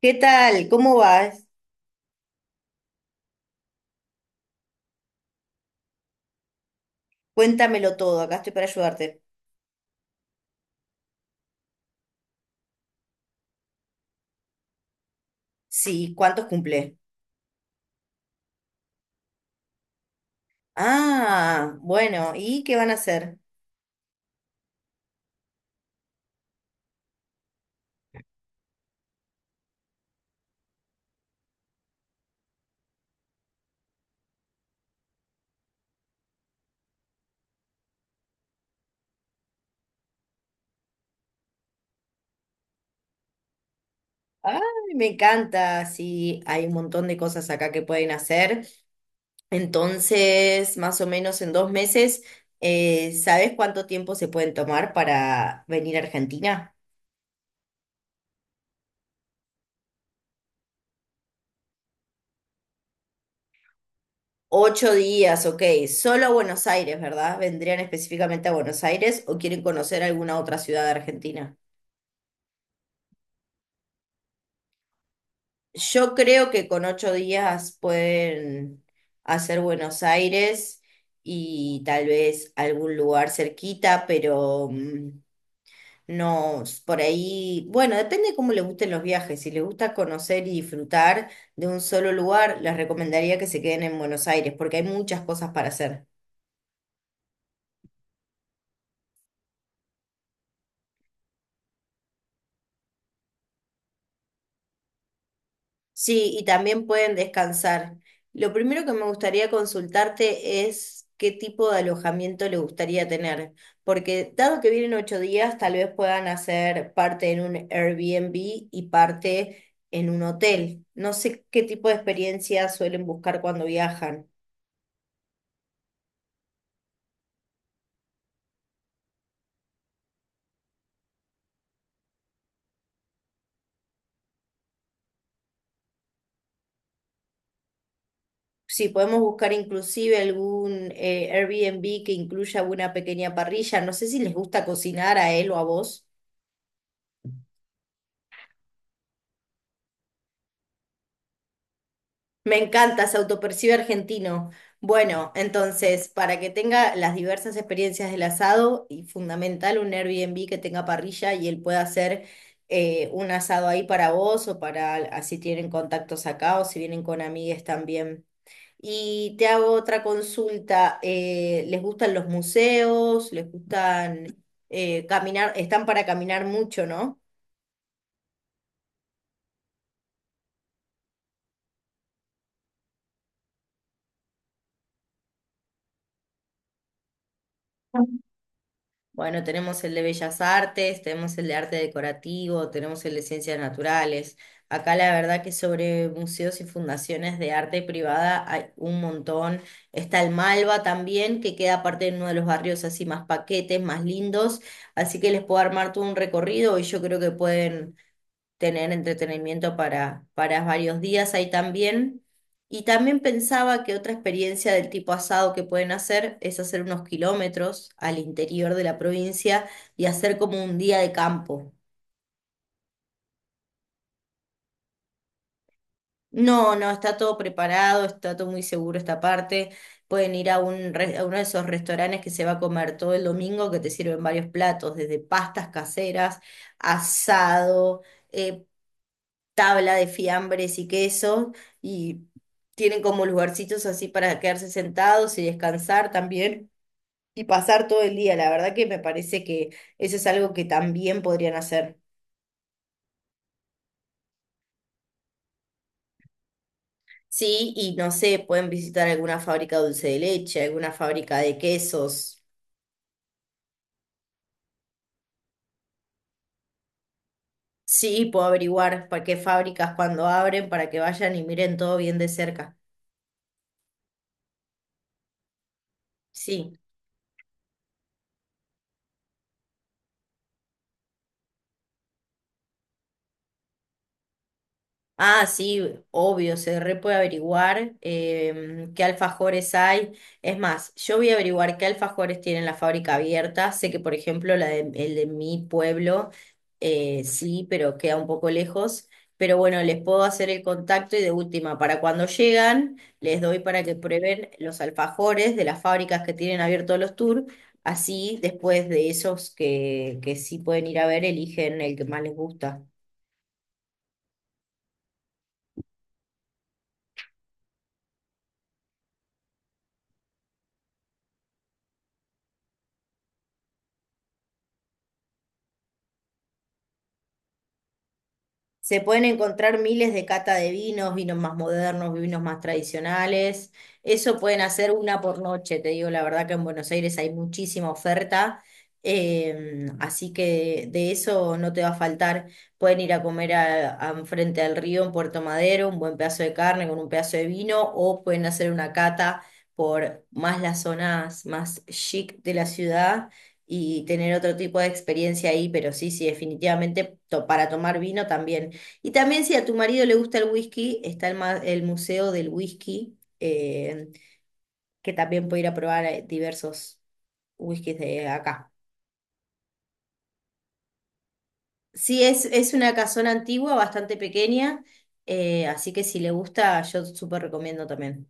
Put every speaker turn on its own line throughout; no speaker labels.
¿Qué tal? ¿Cómo vas? Cuéntamelo todo, acá estoy para ayudarte. Sí, ¿cuántos cumple? Ah, bueno, ¿y qué van a hacer? Ay, me encanta, sí, hay un montón de cosas acá que pueden hacer. Entonces, más o menos en 2 meses, ¿sabes cuánto tiempo se pueden tomar para venir a Argentina? Ocho días, ok. Solo a Buenos Aires, ¿verdad? ¿Vendrían específicamente a Buenos Aires o quieren conocer alguna otra ciudad de Argentina? Yo creo que con 8 días pueden hacer Buenos Aires y tal vez algún lugar cerquita, pero no, por ahí, bueno, depende cómo les gusten los viajes. Si les gusta conocer y disfrutar de un solo lugar, les recomendaría que se queden en Buenos Aires porque hay muchas cosas para hacer. Sí, y también pueden descansar. Lo primero que me gustaría consultarte es qué tipo de alojamiento le gustaría tener, porque dado que vienen 8 días, tal vez puedan hacer parte en un Airbnb y parte en un hotel. No sé qué tipo de experiencia suelen buscar cuando viajan. Si podemos buscar inclusive algún Airbnb que incluya una pequeña parrilla, no sé si les gusta cocinar a él o a vos. Me encanta, se autopercibe argentino. Bueno, entonces, para que tenga las diversas experiencias del asado y fundamental un Airbnb que tenga parrilla y él pueda hacer un asado ahí para vos o para así tienen contactos acá o si vienen con amigues también. Y te hago otra consulta. ¿Les gustan los museos? ¿Les gustan caminar? Están para caminar mucho, ¿no? Bueno, tenemos el de Bellas Artes, tenemos el de Arte Decorativo, tenemos el de Ciencias Naturales. Acá la verdad que sobre museos y fundaciones de arte privada hay un montón. Está el Malva también, que queda aparte en uno de los barrios así más paquetes, más lindos. Así que les puedo armar todo un recorrido y yo creo que pueden tener entretenimiento para varios días ahí también. Y también pensaba que otra experiencia del tipo asado que pueden hacer es hacer unos kilómetros al interior de la provincia y hacer como un día de campo. No, no, está todo preparado, está todo muy seguro esta parte. Pueden ir a, a uno de esos restaurantes que se va a comer todo el domingo, que te sirven varios platos, desde pastas caseras, asado eh, tabla de fiambres y quesos y tienen como lugarcitos así para quedarse sentados y descansar también y pasar todo el día. La verdad que me parece que eso es algo que también podrían hacer. Sí, y no sé, pueden visitar alguna fábrica de dulce de leche, alguna fábrica de quesos. Sí, puedo averiguar para qué fábricas cuando abren para que vayan y miren todo bien de cerca. Sí. Ah, sí, obvio, se re puede averiguar qué alfajores hay. Es más, yo voy a averiguar qué alfajores tienen la fábrica abierta. Sé que, por ejemplo, la de, el de mi pueblo, sí, pero queda un poco lejos. Pero bueno, les puedo hacer el contacto y de última, para cuando llegan, les doy para que prueben los alfajores de las fábricas que tienen abiertos los tours. Así, después de esos que sí pueden ir a ver, eligen el que más les gusta. Se pueden encontrar miles de cata de vinos, vinos más modernos, vinos más tradicionales. Eso pueden hacer una por noche, te digo la verdad que en Buenos Aires hay muchísima oferta, así que de eso no te va a faltar. Pueden ir a comer a, frente al río en Puerto Madero, un buen pedazo de carne con un pedazo de vino, o pueden hacer una cata por más las zonas más chic de la ciudad y tener otro tipo de experiencia ahí, pero sí, sí, definitivamente para tomar vino también. Y también si a tu marido le gusta el whisky, está el Museo del Whisky, que también puede ir a probar diversos whiskies de acá. Sí, es una casona antigua, bastante pequeña, así que si le gusta, yo súper recomiendo también.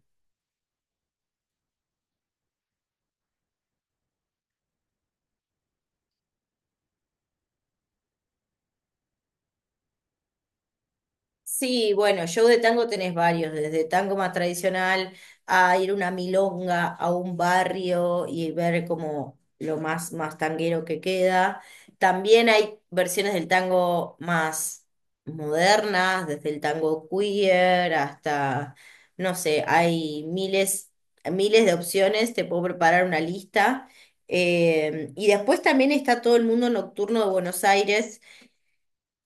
Sí, bueno, show de tango tenés varios, desde tango más tradicional a ir a una milonga a un barrio y ver como lo más, más tanguero que queda. También hay versiones del tango más modernas, desde el tango queer hasta, no sé, hay miles, miles de opciones, te puedo preparar una lista. Y después también está todo el mundo nocturno de Buenos Aires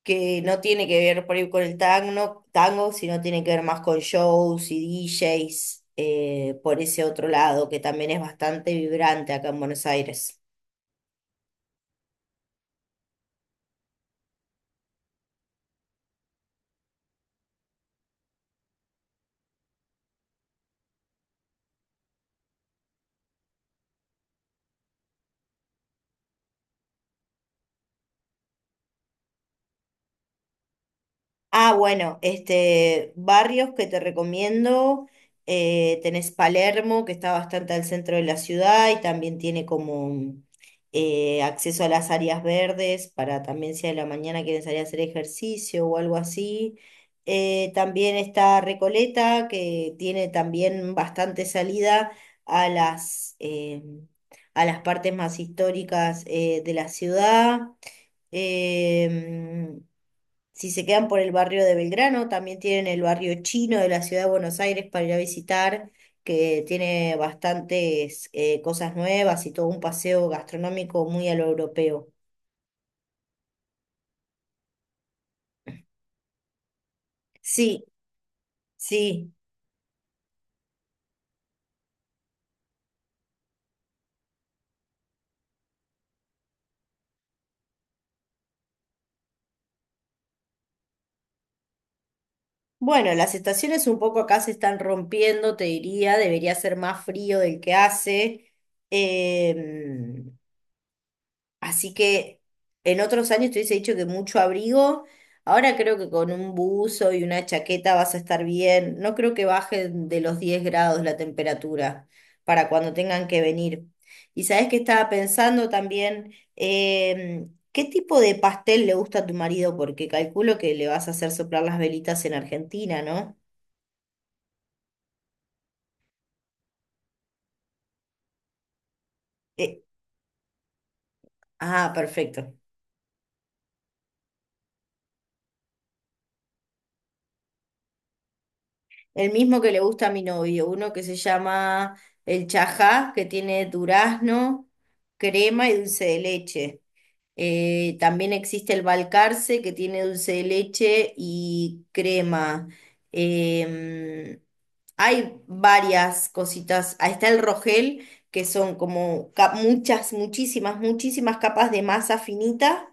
que no tiene que ver por ahí con el tango, tango, sino tiene que ver más con shows y DJs, por ese otro lado, que también es bastante vibrante acá en Buenos Aires. Ah, bueno, este, barrios que te recomiendo, tenés Palermo, que está bastante al centro de la ciudad y también tiene como acceso a las áreas verdes para también si a la mañana quieren salir a hacer ejercicio o algo así. También está Recoleta, que tiene también bastante salida a las, eh, a las partes más históricas de la ciudad. Em, si se quedan por el barrio de Belgrano, también tienen el barrio chino de la ciudad de Buenos Aires para ir a visitar, que tiene bastantes cosas nuevas y todo un paseo gastronómico muy a lo europeo. Sí, sí. Bueno, las estaciones un poco acá se están rompiendo, te diría, debería ser más frío del que hace. Em, Así que en otros años te hubiese dicho que mucho abrigo. Ahora creo que con un buzo y una chaqueta vas a estar bien. No creo que baje de los 10 grados la temperatura para cuando tengan que venir. Y sabes que estaba pensando también, ¿qué tipo de pastel le gusta a tu marido? Porque calculo que le vas a hacer soplar las velitas en Argentina, ¿no? Eh, ah, perfecto. El mismo que le gusta a mi novio, uno que se llama el chajá, que tiene durazno, crema y dulce de leche. También existe el balcarce, que tiene dulce de leche y crema. Em, Hay varias cositas. Ahí está el rogel, que son como muchas, muchísimas, muchísimas capas de masa finita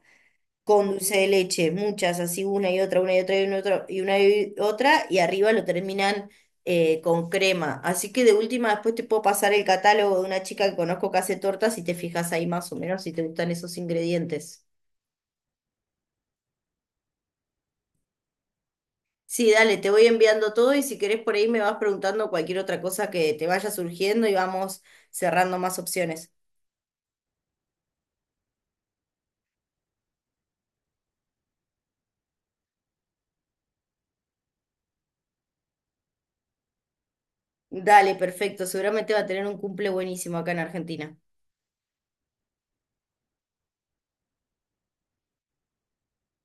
con dulce de leche, muchas, así una y otra y una y otra y una y otra, y arriba lo terminan con crema. Así que de última después te puedo pasar el catálogo de una chica que conozco que hace tortas y te fijas ahí más o menos si te gustan esos ingredientes. Sí, dale, te voy enviando todo y si querés por ahí me vas preguntando cualquier otra cosa que te vaya surgiendo y vamos cerrando más opciones. Dale, perfecto, seguramente va a tener un cumple buenísimo acá en Argentina.